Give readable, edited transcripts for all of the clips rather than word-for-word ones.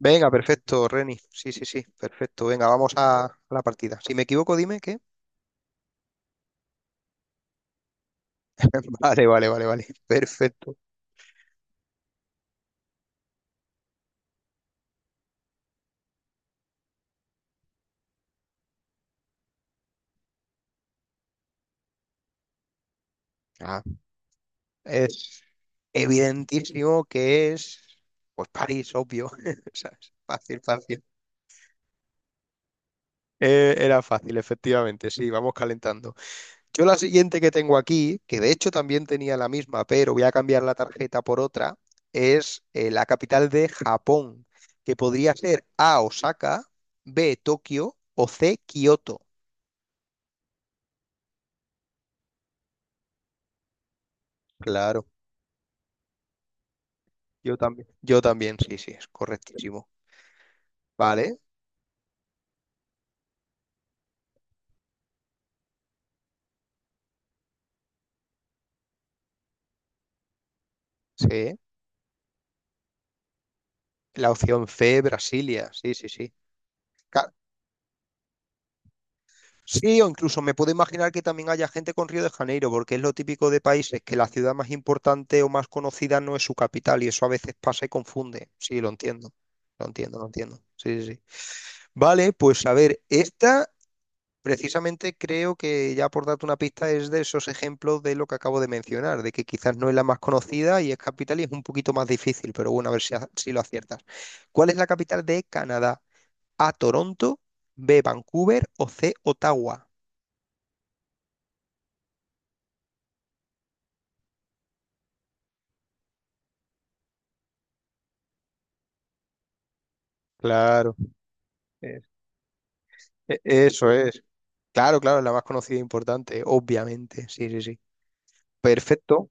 Venga, perfecto, Reni. Sí, sí, sí, perfecto. Venga, la partida. Si me equivoco, dime qué. Vale, vale, vale, vale. Perfecto. Ah, es evidentísimo que es, pues París, obvio. ¿Sabes? Fácil, fácil. Era fácil, efectivamente. Sí, vamos calentando. Yo la siguiente que tengo aquí, que de hecho también tenía la misma, pero voy a cambiar la tarjeta por otra, es la capital de Japón, que podría ser A, Osaka, B, Tokio o C, Kioto. Claro, yo también. Yo también, sí, sí, es correctísimo. Vale, sí. La opción C, Brasilia, sí, sí, sí. Ca- Sí, o incluso me puedo imaginar que también haya gente con Río de Janeiro, porque es lo típico de países que la ciudad más importante o más conocida no es su capital y eso a veces pasa y confunde. Sí, lo entiendo. Lo entiendo, lo entiendo. Sí, sí, sí. Vale, pues a ver, esta Precisamente creo que ya por darte una pista es de esos ejemplos de lo que acabo de mencionar, de que quizás no es la más conocida y es capital y es un poquito más difícil, pero bueno, a ver si, si lo aciertas. ¿Cuál es la capital de Canadá? A, Toronto, B, Vancouver o C, Ottawa. Claro, es- eso es. Claro, claro, es la más conocida e importante, obviamente. Sí, sí, sí. Perfecto.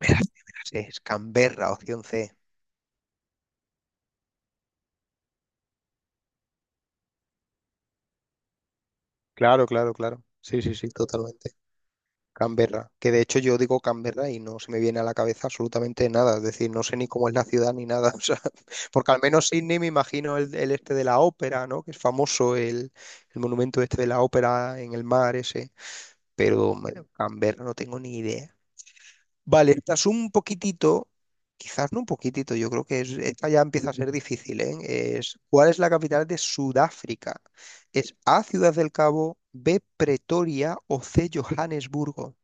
Me la sé, me la sé. Es Canberra, opción C. Claro, claro, claro. Sí, sí, sí, totalmente. Canberra, que de hecho yo digo Canberra y no se me viene a la cabeza absolutamente nada, es decir, no sé ni cómo es la ciudad ni nada, o sea, porque al menos Sydney me imagino el este de la ópera, ¿no? Que es famoso el monumento este de la ópera en el mar ese, pero bueno, Canberra no tengo ni idea. Vale, esta es un poquitito, quizás no un poquitito, yo creo que es, esta ya empieza a ser difícil, ¿eh? ¿Cuál es la capital de Sudáfrica? ¿Es A, Ciudad del Cabo, B, Pretoria o C, Johannesburgo?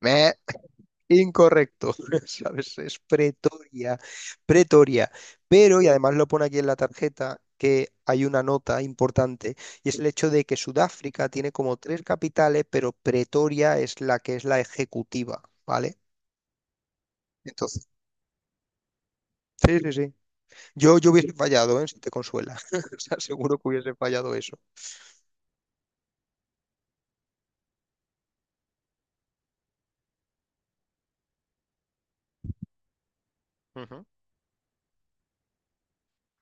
Meh. Incorrecto, ¿sabes? Es Pretoria, Pretoria. Pero, y además lo pone aquí en la tarjeta, que hay una nota importante, y es el hecho de que Sudáfrica tiene como tres capitales, pero Pretoria es la que es la ejecutiva, ¿vale? Entonces, sí, sí, sí. Yo hubiese fallado, ¿eh? Si te consuela. O sea, seguro que hubiese fallado eso.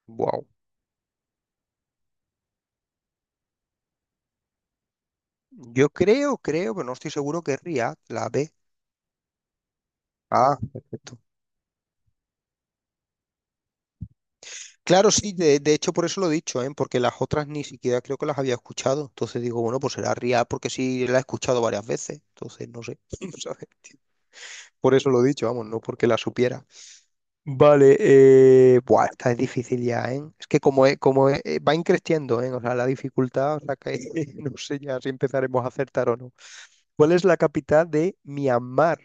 Wow. Yo creo, creo, pero no estoy seguro que es Riad, la B. Ah, perfecto. Claro, sí, de hecho por eso lo he dicho, ¿eh? Porque las otras ni siquiera creo que las había escuchado. Entonces digo, bueno, pues será RIA porque sí la he escuchado varias veces. Entonces no sé, ¿sabes? Por eso lo he dicho, vamos, no porque la supiera. Vale, Buah, esta es difícil ya, ¿eh? Es que va increciendo, ¿eh? O sea, la dificultad, o sea, que no sé ya si empezaremos a acertar o no. ¿Cuál es la capital de Myanmar?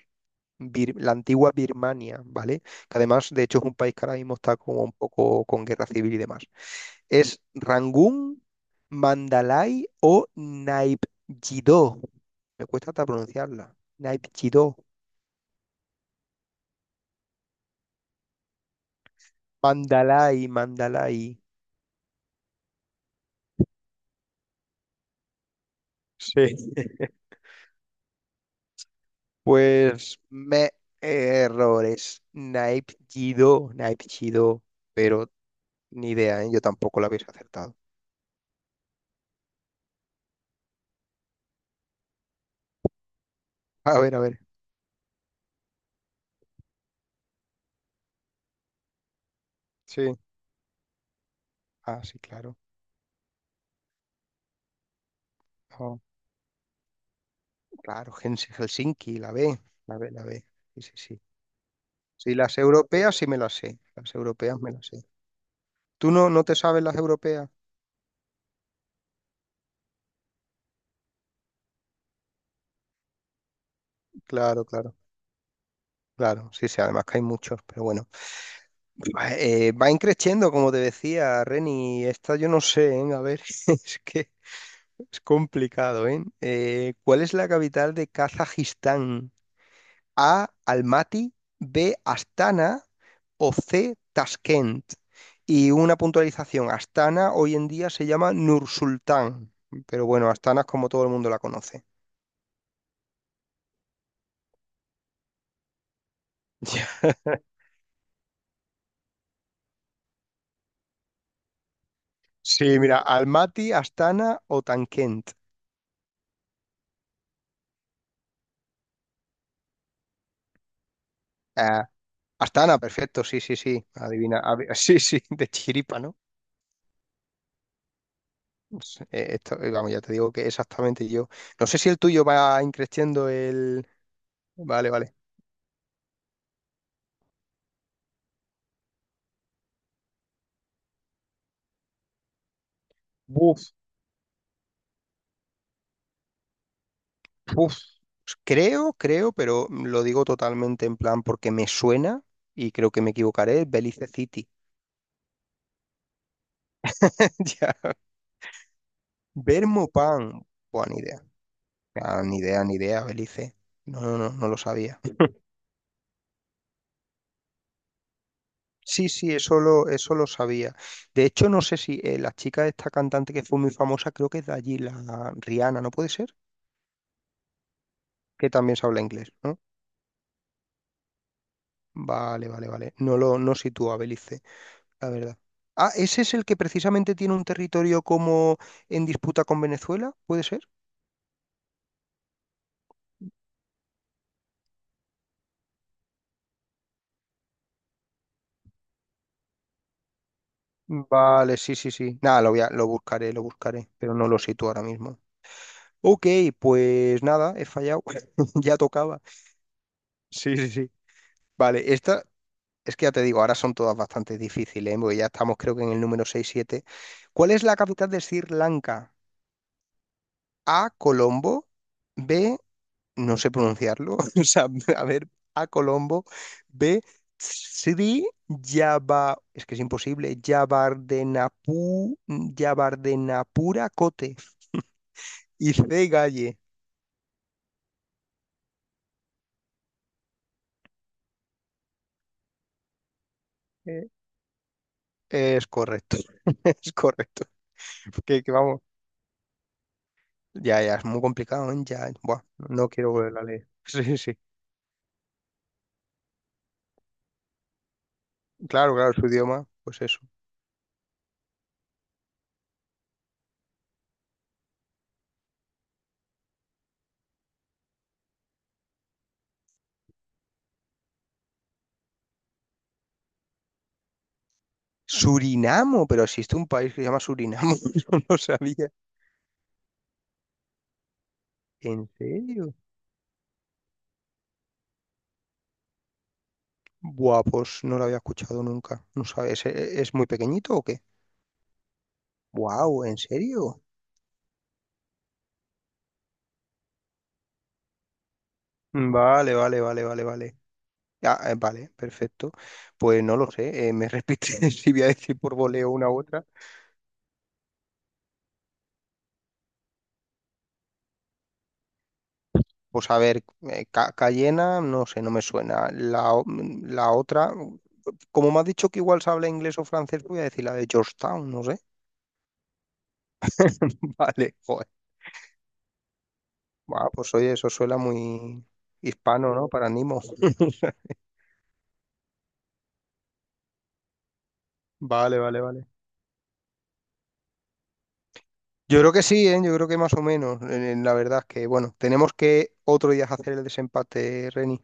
La antigua Birmania, ¿vale? Que además, de hecho, es un país que ahora mismo está como un poco con guerra civil y demás. ¿Es Rangún, Mandalay o Naipjidó? Me cuesta hasta pronunciarla. Naipjidó. Mandalay, Mandalay. Sí. Pues me errores. Naipjidó, Naipjidó. Pero ni idea, ¿eh? Yo tampoco la habéis acertado. A ver, a ver. Sí. Ah, sí, claro. Oh, claro, Helsinki, la B. La B, la B. Sí, sí, sí. Sí, las europeas sí me las sé. Las europeas me las sé. ¿Tú no te sabes las europeas? Claro, claro, claro. Sí, sí, además que hay muchos, pero bueno. Van creciendo, como te decía, Reni. Esta yo no sé, ¿eh? A ver, es que es complicado, ¿eh? ¿Cuál es la capital de Kazajistán? A, Almaty, B, Astana o C, Tashkent. Y una puntualización, Astana hoy en día se llama Nursultán, pero bueno, Astana es como todo el mundo la conoce. Sí, mira, Almaty, Astana o Tankent. Astana, perfecto, sí, sí, sí. Adivina, sí, sí, de chiripa, ¿no? Sí, esto, vamos, ya te digo que exactamente yo. No sé si el tuyo va increciendo el. Vale, vale. Buf, buf. Creo, creo, pero lo digo totalmente en plan porque me suena y creo que me equivocaré. Belice City. Ya. Pan, buah, ni idea. Ah, ni idea, ni idea, Belice. No, no, no, no lo sabía. Sí, sí, eso lo sabía. De hecho, no sé si la chica de esta cantante que fue muy famosa, creo que es de allí, la Rihanna, ¿no puede ser? Que también se habla inglés, ¿no? Vale, vale, vale. No lo no sitúa Belice, la verdad. Ah, ¿ese es el que precisamente tiene un territorio como en disputa con Venezuela? ¿Puede ser? Vale, sí, sí, sí. Nada, lo buscaré, pero no lo sitúo ahora mismo. Ok, pues nada, he fallado. Ya tocaba. Sí, sí, sí. Vale, esta Es que ya te digo, ahora son todas bastante difíciles, ¿eh? Porque ya estamos creo que en el número seis siete. ¿Cuál es la capital de Sri Lanka? A, Colombo, B, no sé pronunciarlo, o sea, a ver, A, Colombo, B, Sri Yaba, es que es imposible, Yabardenapu, Yabardenapura cote. Y C, Galle. Eh, Es correcto, es correcto. Que vamos, ya, ya, es muy complicado, ¿eh? Ya, buah, no quiero volver a leer. Sí, sí. Claro, claro, su idioma, pues eso. Surinamo, pero existe un país que se llama Surinamo, yo no lo sabía. ¿En serio? Buah, pues no lo había escuchado nunca. No sabes, ¿es muy pequeñito o qué? Wow, ¿en serio? Vale, vale, vale, vale, vale. Ah, vale, perfecto. Pues no lo sé, me repite si voy a decir por voleo una u otra. Pues a ver, Cayena, no sé, no me suena. La otra, como me has dicho que igual se habla inglés o francés, pues voy a decir la de Georgetown, no sé. Vale, joder. Buah, pues oye, eso suena muy hispano, ¿no? Para Nimo. Vale, vale, vale. Yo creo que sí, ¿eh? Yo creo que más o menos. La verdad es que, bueno, tenemos que otro día hacer el desempate, Reni.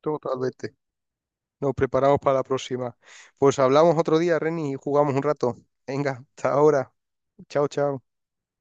Totalmente. Nos preparamos para la próxima. Pues hablamos otro día, Reni, y jugamos un rato. Venga, hasta ahora. Chao, chao.